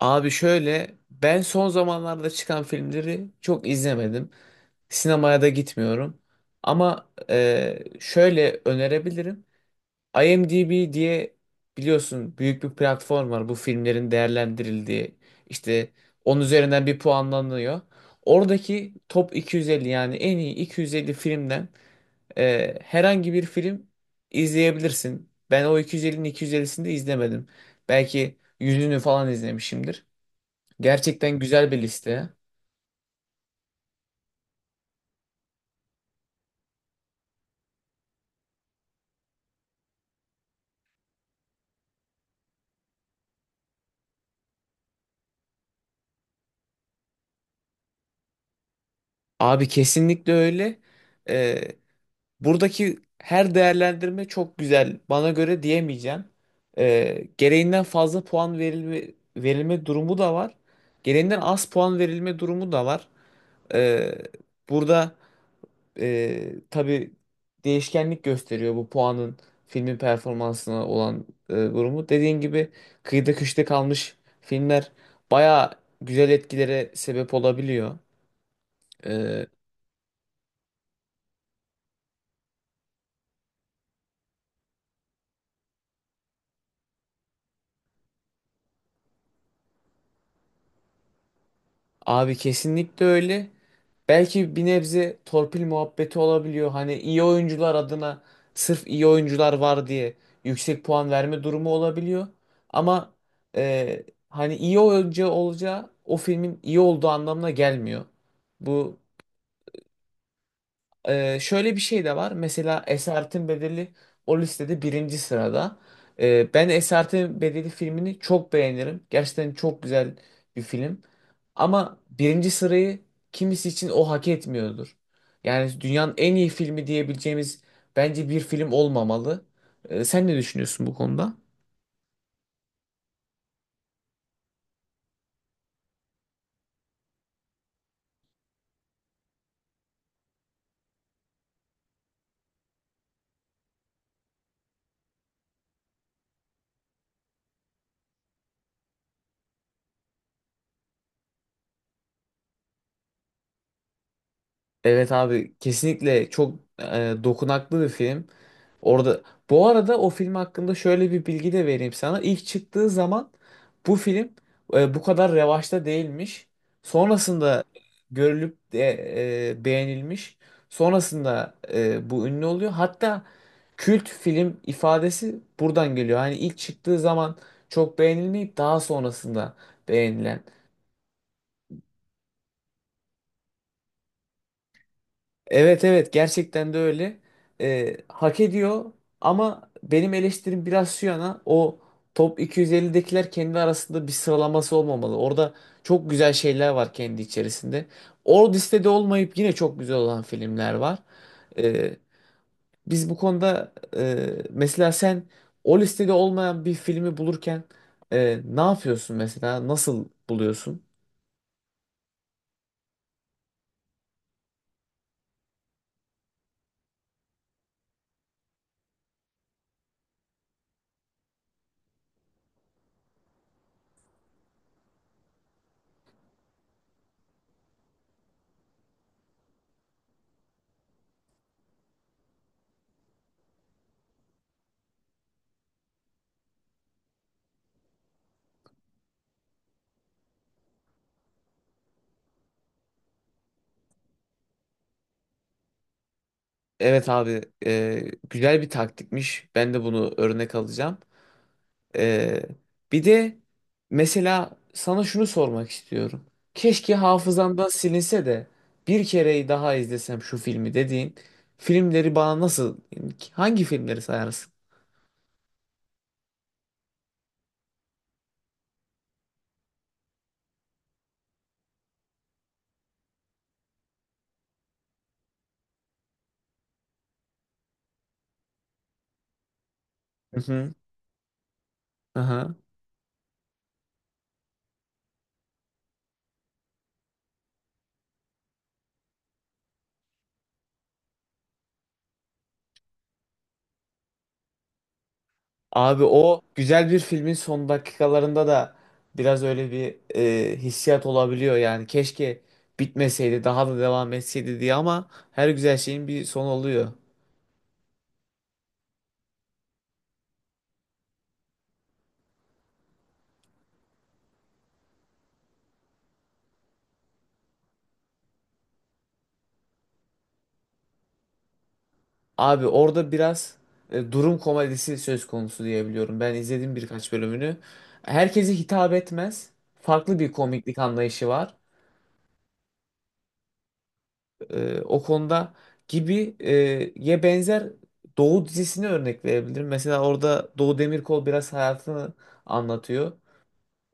Abi şöyle, ben son zamanlarda çıkan filmleri çok izlemedim. Sinemaya da gitmiyorum. Ama şöyle önerebilirim. IMDb diye biliyorsun, büyük bir platform var bu filmlerin değerlendirildiği. İşte 10 üzerinden bir puanlanıyor. Oradaki top 250, yani en iyi 250 filmden herhangi bir film izleyebilirsin. Ben o 250'nin 250'sini de izlemedim. Belki yüzünü falan izlemişimdir. Gerçekten güzel bir liste. Abi kesinlikle öyle. Ee, buradaki her değerlendirme çok güzel. Bana göre diyemeyeceğim. Gereğinden fazla puan verilme durumu da var. Gereğinden az puan verilme durumu da var. Ee, burada tabii, değişkenlik gösteriyor bu puanın, filmin performansına olan durumu. Dediğin gibi kıyıda köşede kalmış filmler baya güzel etkilere sebep olabiliyor. Ee, Abi kesinlikle öyle. Belki bir nebze torpil muhabbeti olabiliyor. Hani iyi oyuncular adına, sırf iyi oyuncular var diye yüksek puan verme durumu olabiliyor. Ama e, hani iyi oyuncu olacağı o filmin iyi olduğu anlamına gelmiyor. Bu şöyle bir şey de var. Mesela Esaretin Bedeli o listede birinci sırada. Ben Esaretin Bedeli filmini çok beğenirim. Gerçekten çok güzel bir film. Ama birinci sırayı kimisi için o hak etmiyordur. Yani dünyanın en iyi filmi diyebileceğimiz bence bir film olmamalı. Sen ne düşünüyorsun bu konuda? Evet abi, kesinlikle çok dokunaklı bir film. Orada, bu arada, o film hakkında şöyle bir bilgi de vereyim sana. İlk çıktığı zaman bu film bu kadar revaçta değilmiş. Sonrasında görülüp de beğenilmiş. Sonrasında bu ünlü oluyor. Hatta kült film ifadesi buradan geliyor. Hani ilk çıktığı zaman çok beğenilmeyip daha sonrasında beğenilen. Evet, evet, gerçekten de öyle. Hak ediyor ama benim eleştirim biraz şu yana: o top 250'dekiler kendi arasında bir sıralaması olmamalı. Orada çok güzel şeyler var kendi içerisinde. O listede olmayıp yine çok güzel olan filmler var. Ee, biz bu konuda, mesela sen o listede olmayan bir filmi bulurken ne yapıyorsun mesela? Nasıl buluyorsun? Evet abi, güzel bir taktikmiş. Ben de bunu örnek alacağım. Ee, bir de mesela sana şunu sormak istiyorum. Keşke hafızamdan silinse de bir kereyi daha izlesem şu filmi dediğin filmleri bana nasıl, hangi filmleri sayarsın? Hı hı. Aha. Abi, o güzel bir filmin son dakikalarında da biraz öyle bir hissiyat olabiliyor yani. Keşke bitmeseydi, daha da devam etseydi diye, ama her güzel şeyin bir sonu oluyor. Abi orada biraz durum komedisi söz konusu diyebiliyorum. Ben izledim birkaç bölümünü. Herkese hitap etmez. Farklı bir komiklik anlayışı var. E, o konuda gibi ye benzer Doğu dizisine örnek verebilirim. Mesela orada Doğu Demirkol biraz hayatını anlatıyor.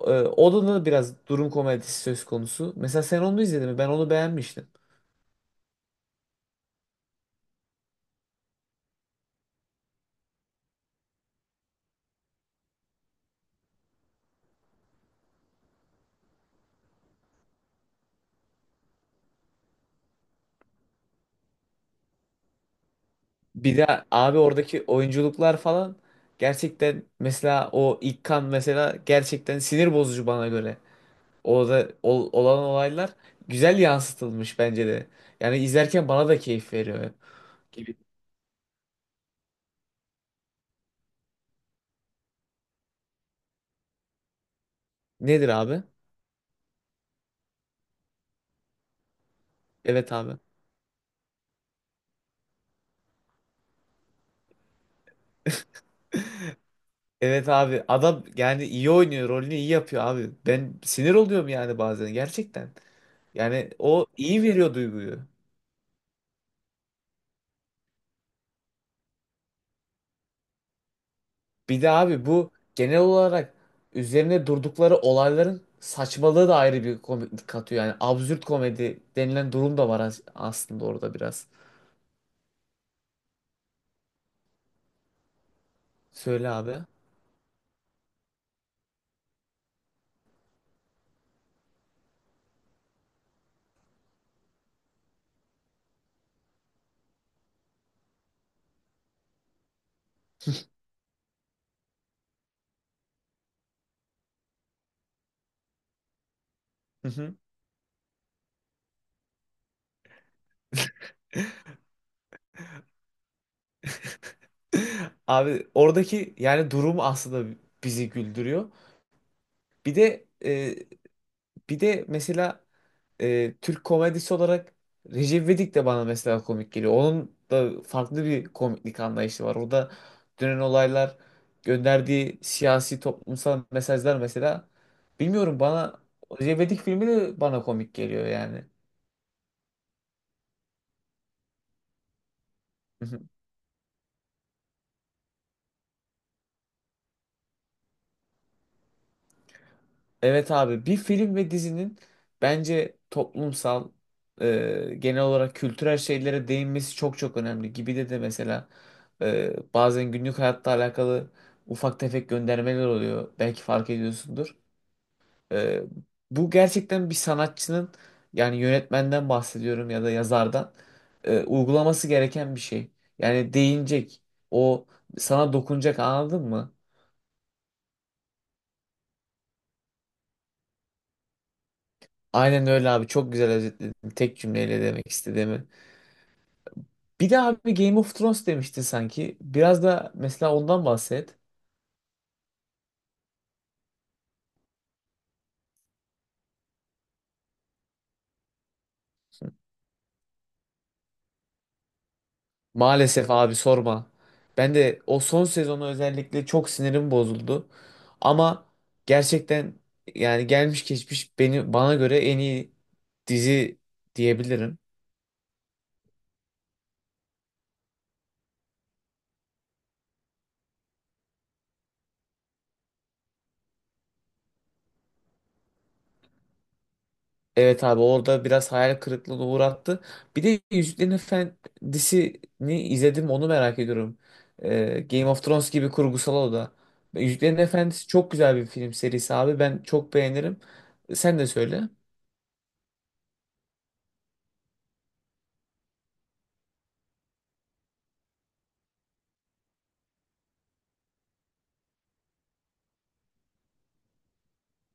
E, o da da biraz durum komedisi söz konusu. Mesela sen onu izledin mi? Ben onu beğenmiştim. Bir de abi, oradaki oyunculuklar falan gerçekten, mesela o İkkan, mesela gerçekten sinir bozucu bana göre. Orada olan olaylar güzel yansıtılmış bence de. Yani izlerken bana da keyif veriyor gibi. Nedir abi? Evet abi. Evet abi, adam yani iyi oynuyor, rolünü iyi yapıyor abi. Ben sinir oluyorum yani bazen gerçekten. Yani o iyi veriyor duyguyu. Bir de abi, bu genel olarak üzerine durdukları olayların saçmalığı da ayrı bir komiklik katıyor. Yani absürt komedi denilen durum da var aslında orada biraz. Söyle abi. Hı hı. Abi oradaki yani durum aslında bizi güldürüyor. Bir de e, bir de mesela Türk komedisi olarak Recep İvedik de bana mesela komik geliyor. Onun da farklı bir komiklik anlayışı var. Orada dönen olaylar, gönderdiği siyasi toplumsal mesajlar mesela. Bilmiyorum, bana Recep İvedik filmi de bana komik geliyor yani. Evet abi, bir film ve dizinin bence toplumsal, genel olarak kültürel şeylere değinmesi çok çok önemli. Gibi de de mesela bazen günlük hayatta alakalı ufak tefek göndermeler oluyor. Belki fark ediyorsundur. E, bu gerçekten bir sanatçının, yani yönetmenden bahsediyorum ya da yazardan, uygulaması gereken bir şey. Yani değinecek, o sana dokunacak, anladın mı? Aynen öyle abi, çok güzel özetledin tek cümleyle demek istediğimi. Bir de abi, Game of Thrones demiştin sanki. Biraz da mesela ondan bahset. Maalesef abi, sorma. Ben de o son sezonu özellikle, çok sinirim bozuldu. Ama gerçekten yani gelmiş geçmiş beni bana göre en iyi dizi diyebilirim. Evet abi, orada biraz hayal kırıklığına uğrattı. Bir de Yüzüklerin Efendisi'ni izledim, onu merak ediyorum. Game of Thrones gibi kurgusal o da. Yüzüklerin Efendisi çok güzel bir film serisi abi, ben çok beğenirim. Sen de söyle.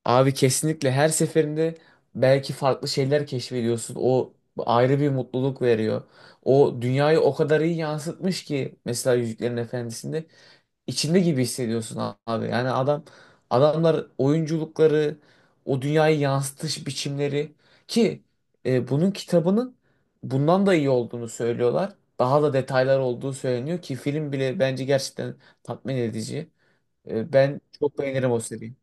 Abi kesinlikle her seferinde belki farklı şeyler keşfediyorsun. O ayrı bir mutluluk veriyor. O dünyayı o kadar iyi yansıtmış ki, mesela Yüzüklerin Efendisi'nde içinde gibi hissediyorsun abi. Yani adamlar, oyunculukları, o dünyayı yansıtış biçimleri ki bunun kitabının bundan da iyi olduğunu söylüyorlar. Daha da detaylar olduğu söyleniyor ki film bile bence gerçekten tatmin edici. E, ben çok beğenirim o seriyi.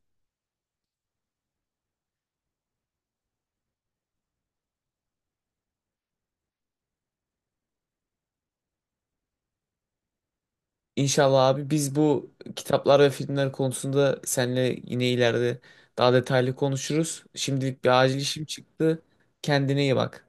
İnşallah abi, biz bu kitaplar ve filmler konusunda seninle yine ileride daha detaylı konuşuruz. Şimdilik bir acil işim çıktı. Kendine iyi bak.